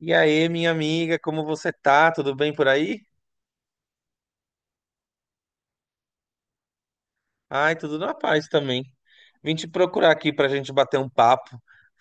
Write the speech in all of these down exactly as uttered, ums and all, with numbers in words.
E aí, minha amiga, como você tá? Tudo bem por aí? Ai, tudo na paz também. Vim te procurar aqui pra gente bater um papo,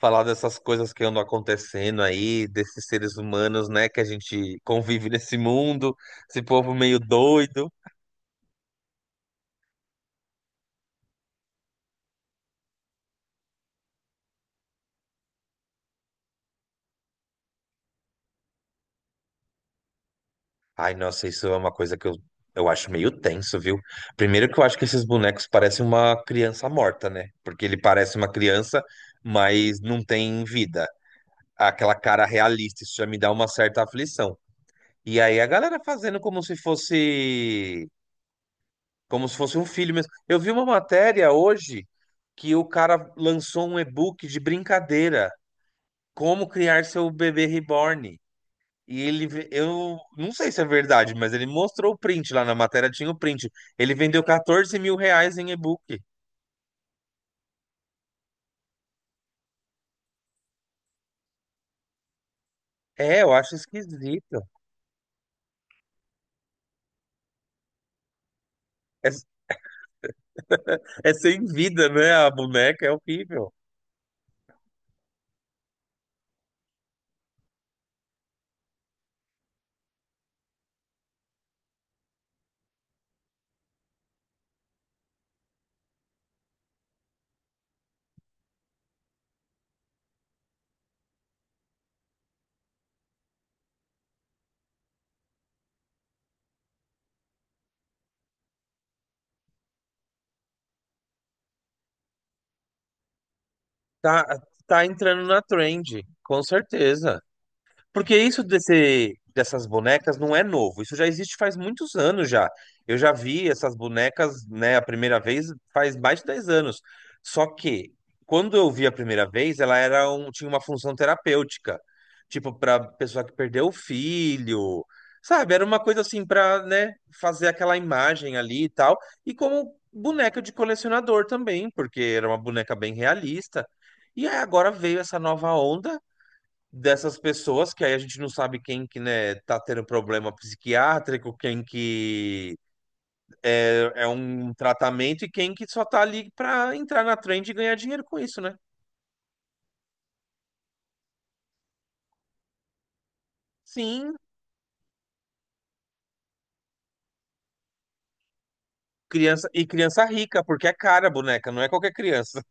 falar dessas coisas que andam acontecendo aí, desses seres humanos, né, que a gente convive nesse mundo, esse povo meio doido. Ai, nossa, isso é uma coisa que eu, eu acho meio tenso, viu? Primeiro que eu acho que esses bonecos parecem uma criança morta, né? Porque ele parece uma criança, mas não tem vida. Aquela cara realista, isso já me dá uma certa aflição. E aí a galera fazendo como se fosse, como se fosse um filho mesmo. Eu vi uma matéria hoje que o cara lançou um e-book de brincadeira, como criar seu bebê reborn. E ele, ve- eu não sei se é verdade, mas ele mostrou o print lá na matéria, tinha o print. Ele vendeu quatorze mil reais em e-book. É, eu acho esquisito. É, é sem vida, né? A boneca é horrível. Tá, tá entrando na trend, com certeza. Porque isso desse, dessas bonecas não é novo, isso já existe faz muitos anos já. Eu já vi essas bonecas, né, a primeira vez faz mais de dez anos. Só que quando eu vi a primeira vez, ela era um, tinha uma função terapêutica, tipo para pessoa que perdeu o filho, sabe? Era uma coisa assim para, né, fazer aquela imagem ali e tal, e como boneca de colecionador também, porque era uma boneca bem realista. E aí agora veio essa nova onda dessas pessoas, que aí a gente não sabe quem que, né, tá tendo problema psiquiátrico, quem que é é um tratamento e quem que só tá ali pra entrar na trend e ganhar dinheiro com isso, né? Sim, criança e criança rica, porque é cara a boneca, não é qualquer criança.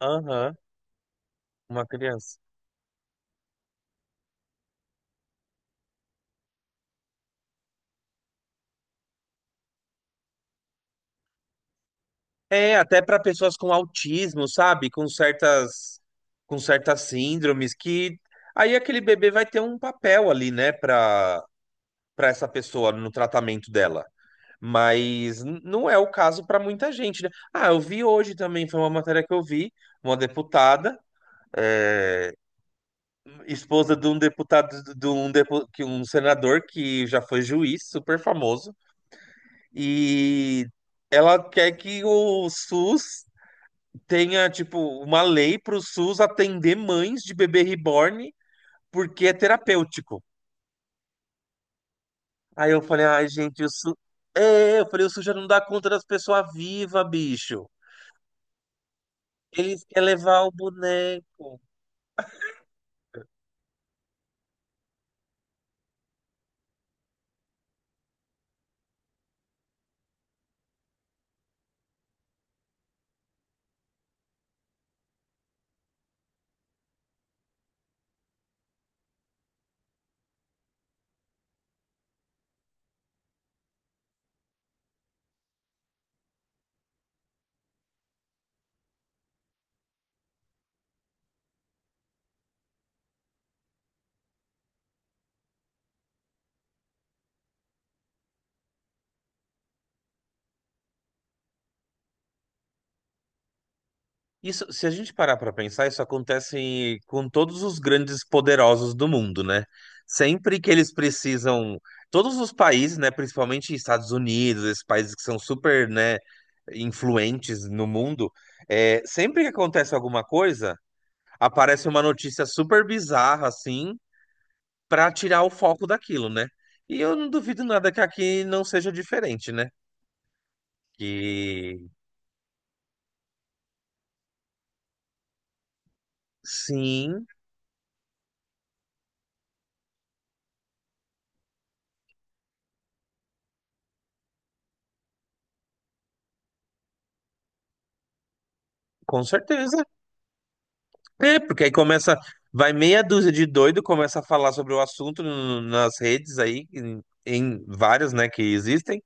Aham, uma criança. É, até para pessoas com autismo, sabe? Com certas com certas síndromes que aí aquele bebê vai ter um papel ali, né, para para essa pessoa no tratamento dela. Mas n- não é o caso para muita gente, né? Ah, eu vi hoje também, foi uma matéria que eu vi, uma deputada, eh, esposa de um deputado, de um, depu- que um senador que já foi juiz, super famoso, e ela quer que o SUS tenha, tipo, uma lei para o SUS atender mães de bebê reborn porque é terapêutico. Aí eu falei, ai, gente, o SUS... É, eu falei, o SUS já não dá conta das pessoas vivas, bicho. Eles querem levar o boneco. Isso, se a gente parar pra pensar, isso acontece com todos os grandes poderosos do mundo, né? Sempre que eles precisam, todos os países, né, principalmente Estados Unidos, esses países que são super, né, influentes no mundo, é, sempre que acontece alguma coisa, aparece uma notícia super bizarra assim, pra tirar o foco daquilo, né? E eu não duvido nada que aqui não seja diferente, né? Que sim, com certeza. É, porque aí começa, vai meia dúzia de doido, começa a falar sobre o assunto no- nas redes aí, em, em várias, né, que existem,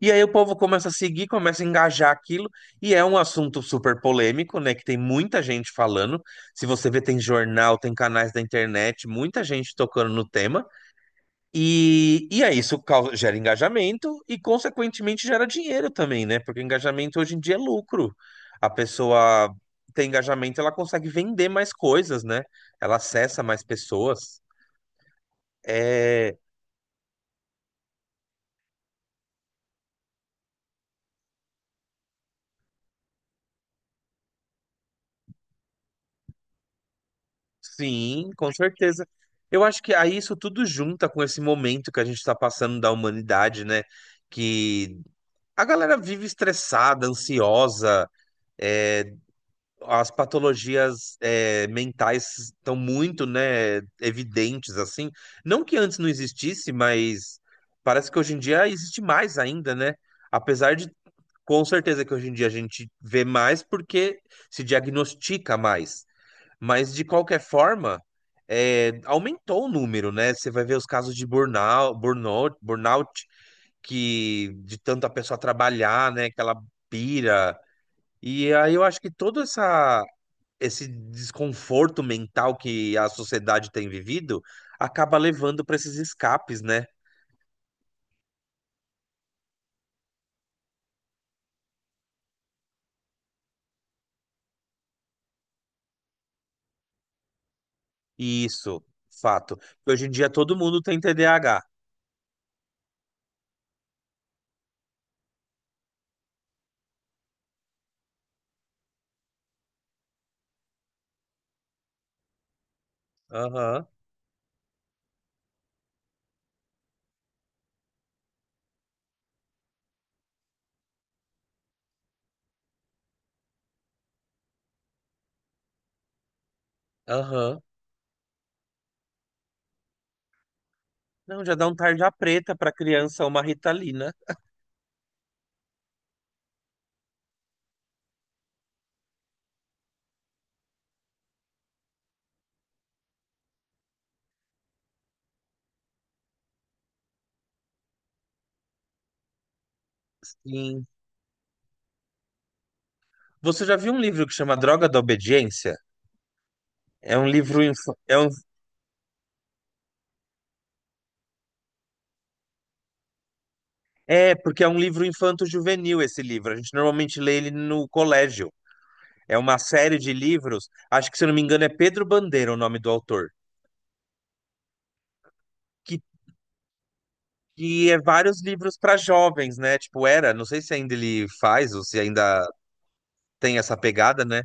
e aí o povo começa a seguir, começa a engajar aquilo, e é um assunto super polêmico, né, que tem muita gente falando, se você vê, tem jornal, tem canais da internet, muita gente tocando no tema, e, e aí isso causa, gera engajamento e, consequentemente, gera dinheiro também, né? Porque engajamento hoje em dia é lucro. A pessoa tem engajamento, ela consegue vender mais coisas, né? Ela acessa mais pessoas. É, sim, com certeza. Eu acho que aí isso tudo junta com esse momento que a gente está passando da humanidade, né? Que a galera vive estressada, ansiosa, é, as patologias é, mentais estão muito, né, evidentes assim. Não que antes não existisse, mas parece que hoje em dia existe mais ainda, né? Apesar de com certeza que hoje em dia a gente vê mais porque se diagnostica mais. Mas de qualquer forma, é, aumentou o número, né? Você vai ver os casos de burnout, burnout, burnout que de tanto a pessoa trabalhar, né, que ela pira. E aí eu acho que toda essa esse desconforto mental que a sociedade tem vivido acaba levando para esses escapes, né? E isso, fato. Hoje em dia todo mundo tem T D A H. Aham, aham. Não, já dá um tarja preta para criança uma Ritalina. Sim. Você já viu um livro que chama Droga da Obediência? É um livro inf... é, um... É porque é um livro infanto-juvenil esse livro. A gente normalmente lê ele no colégio. É uma série de livros. Acho que se eu não me engano é Pedro Bandeira o nome do autor, que que é vários livros para jovens, né? Tipo, era, não sei se ainda ele faz ou se ainda tem essa pegada, né?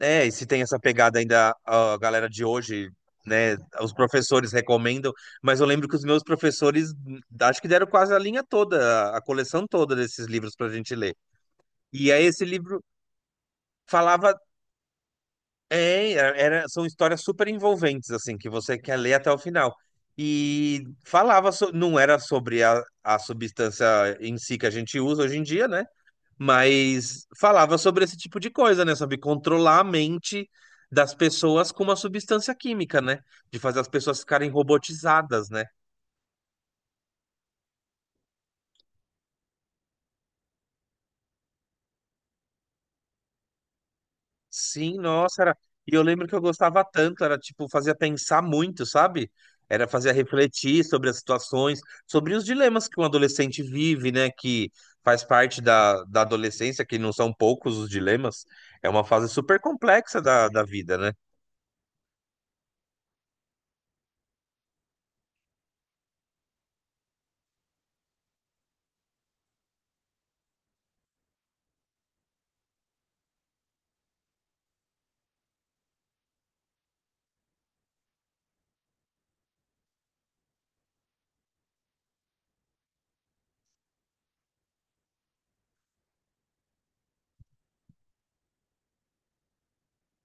É, e se tem essa pegada ainda a galera de hoje, né? Os professores recomendam, mas eu lembro que os meus professores hum, acho que deram quase a linha toda, a coleção toda desses livros pra gente ler. E aí esse livro falava, é, é, era, são histórias super envolventes, assim, que você quer ler até o final. E falava, so- não era sobre a, a substância em si que a gente usa hoje em dia, né? Mas falava sobre esse tipo de coisa, né? Sobre controlar a mente das pessoas com uma substância química, né? De fazer as pessoas ficarem robotizadas, né? Sim, nossa, era. E eu lembro que eu gostava tanto, era tipo, fazia pensar muito, sabe? Era fazer refletir sobre as situações, sobre os dilemas que um adolescente vive, né? Que faz parte da, da adolescência, que não são poucos os dilemas. É uma fase super complexa da, da vida, né?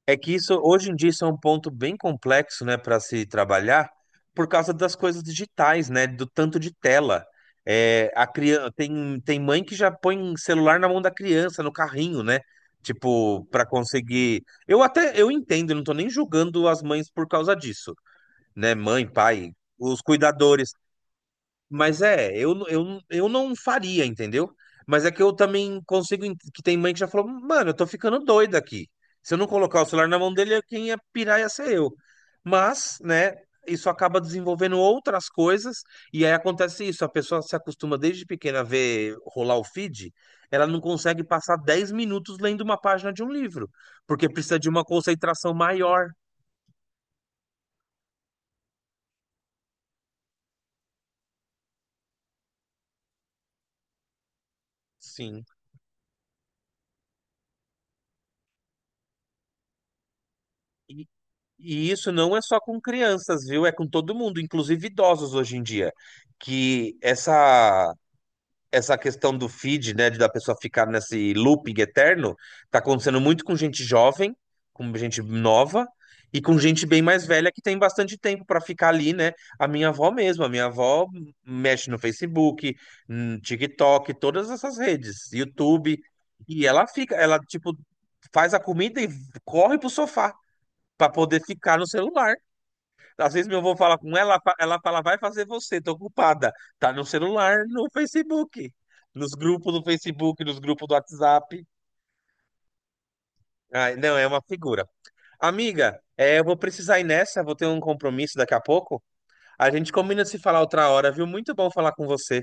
É que isso, hoje em dia, isso é um ponto bem complexo, né, para se trabalhar, por causa das coisas digitais, né, do tanto de tela. É, a criança, tem, tem mãe que já põe um celular na mão da criança, no carrinho, né, tipo, para conseguir. Eu até, eu entendo, eu não tô nem julgando as mães por causa disso, né, mãe, pai, os cuidadores, mas é, eu, eu, eu não faria, entendeu? Mas é que eu também consigo. ent- Que tem mãe que já falou, mano, eu tô ficando doida aqui. Se eu não colocar o celular na mão dele, quem ia pirar ia ser eu. Mas, né, isso acaba desenvolvendo outras coisas. E aí acontece isso: a pessoa se acostuma desde pequena a ver rolar o feed, ela não consegue passar dez minutos lendo uma página de um livro, porque precisa de uma concentração maior. Sim. E isso não é só com crianças, viu? É com todo mundo, inclusive idosos hoje em dia. Que essa essa questão do feed, né, de da pessoa ficar nesse looping eterno, tá acontecendo muito com gente jovem, com gente nova e com gente bem mais velha que tem bastante tempo para ficar ali, né? A minha avó mesmo, a minha avó mexe no Facebook, no TikTok, todas essas redes, YouTube, e ela fica, ela tipo faz a comida e corre pro sofá para poder ficar no celular. Às vezes meu avô fala com ela, ela fala, vai fazer você, tô ocupada. Tá no celular, no Facebook, nos grupos do Facebook, nos grupos do WhatsApp. Ah, não, é uma figura. Amiga, é, eu vou precisar ir nessa, vou ter um compromisso daqui a pouco. A gente combina de se falar outra hora, viu? Muito bom falar com você.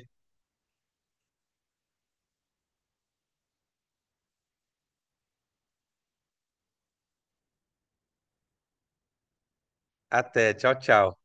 Até, tchau, tchau.